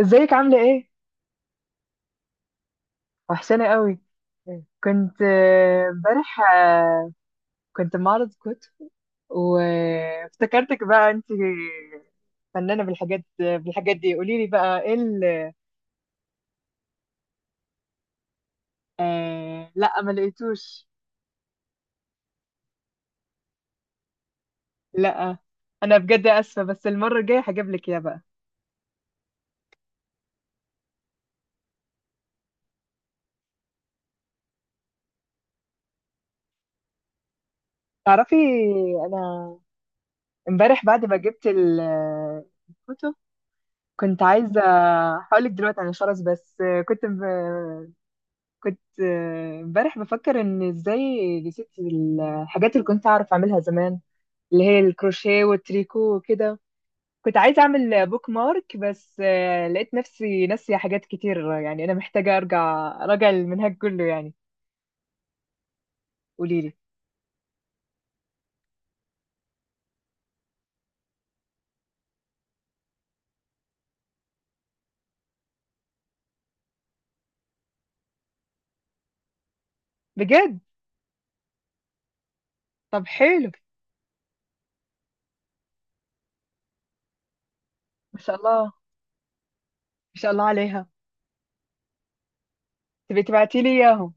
ازيك عاملة ايه؟ وحشانة قوي. كنت امبارح كنت معرض كتب وافتكرتك بقى انت فنانة بالحاجات دي. قولي لي بقى ايه؟ لا ما لقيتوش. لا انا بجد اسفة، بس المرة الجاية هجيب لك اياه بقى. تعرفي، انا امبارح بعد ما جبت الكتب كنت عايزة. هقولك دلوقتي عن الخرز. بس كنت امبارح بفكر ان ازاي نسيت الحاجات اللي كنت اعرف اعملها زمان، اللي هي الكروشيه والتريكو وكده. كنت عايزه اعمل بوك مارك، بس لقيت نفسي ناسيه حاجات كتير يعني انا محتاجه ارجع اراجع المنهج كله يعني. قولي لي. بجد؟ طب حلو. ما شاء الله، ما شاء الله عليها. تبقي تبعتي لي اياهم.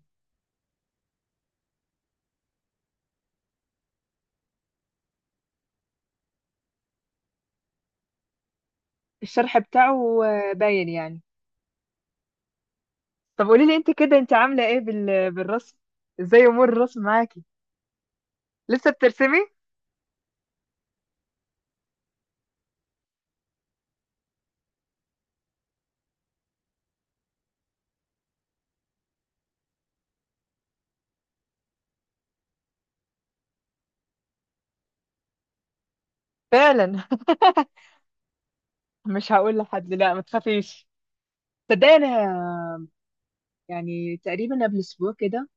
الشرح بتاعه باين يعني. طب قولي لي انت كده، انت عامله ايه بالرسم؟ ازاي امور الرسم معاكي؟ لسه بترسمي؟ فعلا. مش هقول لحد، لا ما تخافيش. تصدقي، انا يعني تقريبا قبل اسبوع كده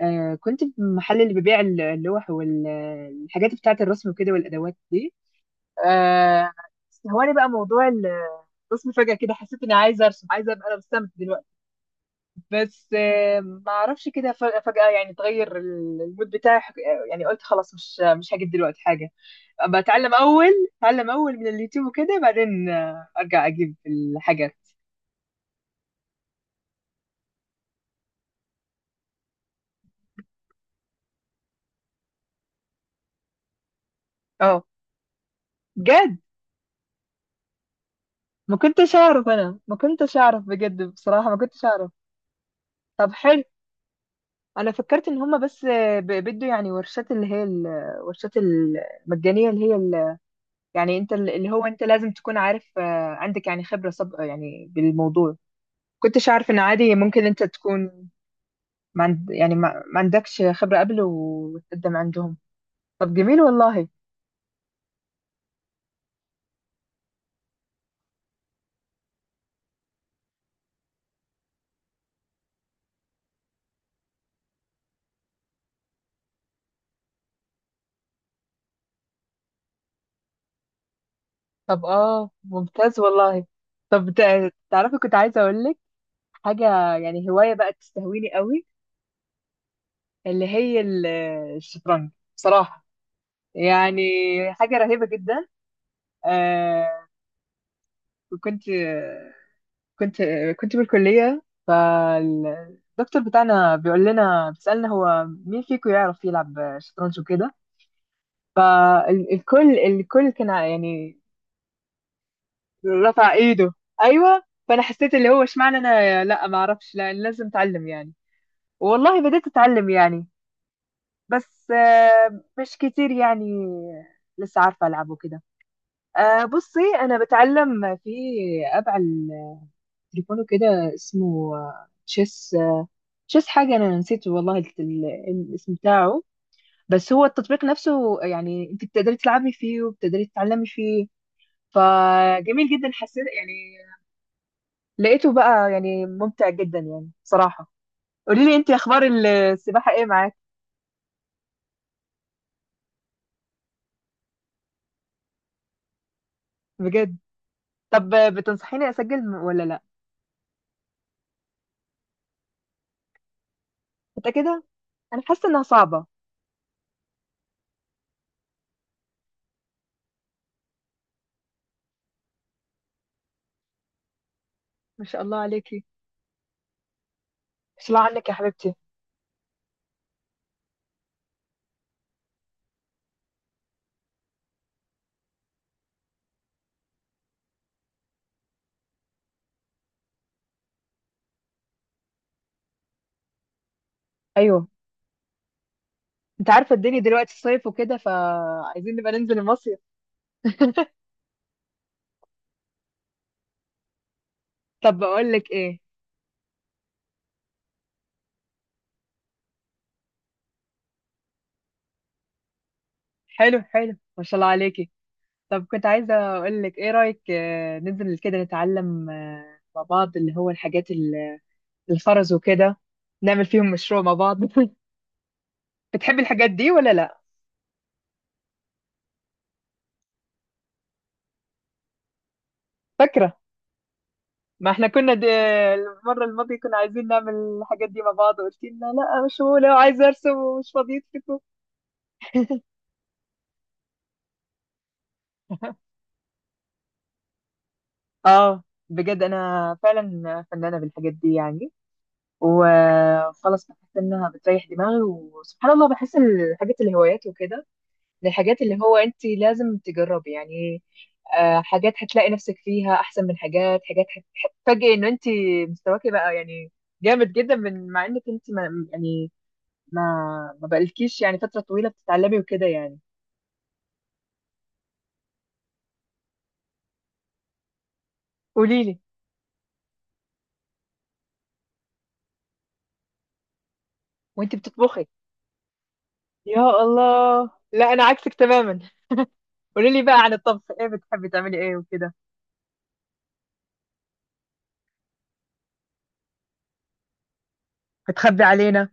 كنت في المحل اللي بيبيع اللوح والحاجات بتاعه الرسم وكده والادوات دي. آه استهواني بقى موضوع الرسم. فجأة كده حسيت اني عايزه ارسم، عايزه ابقى انا مستمتع دلوقتي. بس ما اعرفش، كده فجأة يعني اتغير المود بتاعي. يعني قلت خلاص مش هجيب دلوقتي حاجه، بتعلم اول. اتعلم من اليوتيوب وكده بعدين ارجع اجيب الحاجات. اه، بجد؟ ما كنتش اعرف، انا ما كنتش اعرف بجد، بصراحة ما كنتش اعرف. طب حلو. انا فكرت ان هما بس بيدوا يعني ورشات، اللي هي الورشات المجانية، اللي هي يعني انت اللي هو انت لازم تكون عارف عندك يعني خبرة سابقة يعني بالموضوع. كنتش عارف ان عادي ممكن انت تكون ما عند يعني ما عندكش خبرة قبل وتقدم عندهم. طب جميل والله. طب، اه، ممتاز والله. طب، تعرفي، كنت عايزة اقول لك حاجة. يعني هواية بقى تستهويني قوي، اللي هي الشطرنج. بصراحة يعني حاجة رهيبة جدا. آه كنت كنت كنت بالكلية، فالدكتور بتاعنا بيقول لنا، بيسألنا هو مين فيكم يعرف يلعب شطرنج وكده. فالكل كان يعني رفع ايده. ايوه. فانا حسيت اللي هو اشمعنى انا، لا ما اعرفش، لا لازم اتعلم يعني. والله بديت اتعلم يعني. بس مش كتير يعني، لسه عارفة العبه كده. أه بصي، انا بتعلم في اب على التليفون كده اسمه تشيس. تشيس حاجه، انا نسيت والله الاسم بتاعه. بس هو التطبيق نفسه يعني، انت بتقدري تلعبي فيه وبتقدري تتعلمي فيه. فجميل جدا، حسيت يعني لقيته بقى يعني ممتع جدا يعني صراحه. قولي لي انت، اخبار السباحه ايه معاك؟ بجد؟ طب بتنصحيني اسجل ولا لا؟ متاكده؟ انا حاسه انها صعبه. ما شاء الله عليكي. ما شاء الله عنك يا حبيبتي. ايوه، انت عارفه الدنيا دلوقتي الصيف وكده فعايزين نبقى ننزل المصيف. طب بقول لك ايه. حلو، حلو، ما شاء الله عليكي. طب كنت عايزه اقول لك، ايه رايك ننزل كده نتعلم مع بعض، اللي هو الحاجات الخرز وكده؟ نعمل فيهم مشروع مع بعض. بتحبي الحاجات دي ولا لا؟ فاكره، ما احنا كنا المره الماضيه كنا عايزين نعمل الحاجات دي مع بعض وقلت لنا لا، مش هو عايزه ارسم ومش فاضيتكم. اه بجد، انا فعلا فنانه بالحاجات دي يعني. وخلاص بحس انها بتريح دماغي، وسبحان الله بحس إن الحاجات، الهوايات وكده، من الحاجات اللي هو انت لازم تجربي يعني. حاجات هتلاقي نفسك فيها احسن من حاجات. هتفاجئي ان انت مستواكي بقى يعني جامد جدا، مع انك انت ما يعني ما ما بقالكيش يعني فترة طويلة بتتعلمي وكده يعني. قولي لي. وانت بتطبخي؟ يا الله، لا انا عكسك تماما. قولي لي بقى عن الطبخ، ايه بتحبي تعملي ايه وكده؟ بتخبي علينا.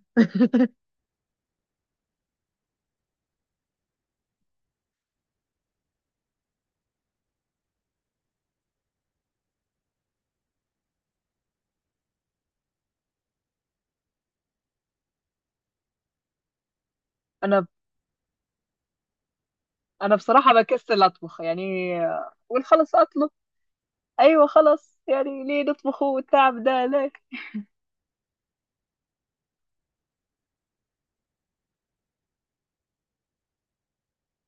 انا انا بصراحه بكسل اطبخ يعني. قول خلاص، اطلب. ايوه خلاص، يعني ليه نطبخه والتعب ده ليه؟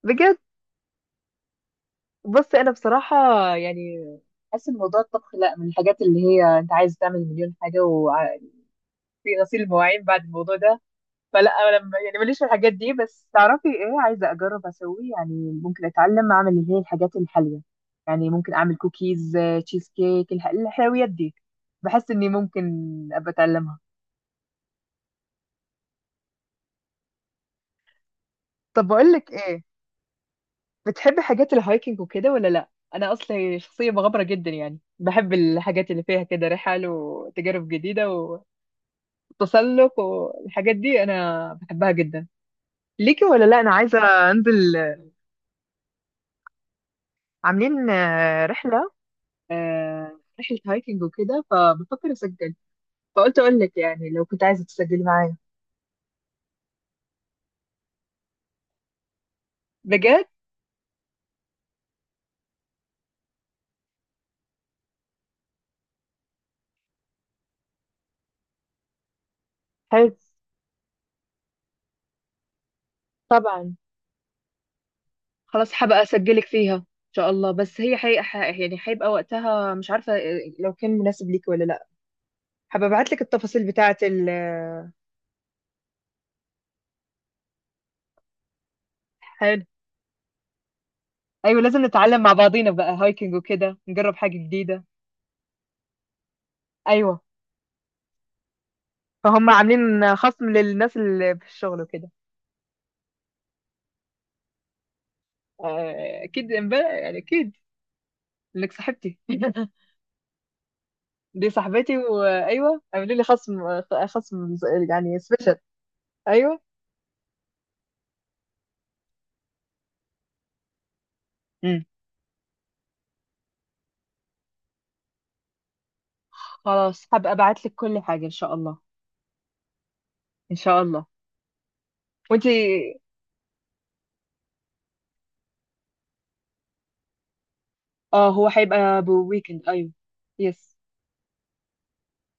بجد. بص، انا بصراحه يعني حاسس ان موضوع الطبخ لا، من الحاجات اللي هي انت عايز تعمل مليون حاجه وفي غسيل مواعين بعد الموضوع ده. فلا، أنا لما يعني ماليش في الحاجات دي، بس تعرفي ايه؟ عايزه اجرب اسوي يعني، ممكن اتعلم اعمل اللي هي الحاجات الحلوه. يعني ممكن اعمل كوكيز، تشيز كيك، الحلويات دي. بحس اني ممكن ابقى اتعلمها. طب بقول لك ايه، بتحب حاجات الهايكنج وكده ولا لا؟ انا اصلا شخصيه مغامره جدا يعني، بحب الحاجات اللي فيها كده رحل وتجارب جديده وتسلق والحاجات دي، انا بحبها جدا. ليكي ولا لا؟ انا عايزه انزل، عاملين رحله، رحله هايكنج وكده، فبفكر اسجل. فقلت اقول لك يعني، لو كنت عايزه تسجلي معايا. بجد. حلو. طبعا، خلاص هبقى اسجلك فيها ان شاء الله، بس هي حقيقة يعني هيبقى وقتها مش عارفه لو كان مناسب ليكي ولا لا. هبقى ابعت لك التفاصيل بتاعه. حلو. ايوه لازم نتعلم مع بعضينا بقى هايكنج وكده، نجرب حاجه جديده. ايوه، فهم عاملين خصم للناس اللي في الشغل وكده. اكيد امبارح يعني اكيد انك صاحبتي. دي صاحبتي، وايوه عاملين لي خصم، خصم يعني سبيشال. ايوه. امم خلاص هبقى ابعت لك كل حاجه ان شاء الله، ان شاء الله. وانتي؟ اه، هو هيبقى بويكند، ايوه، يس.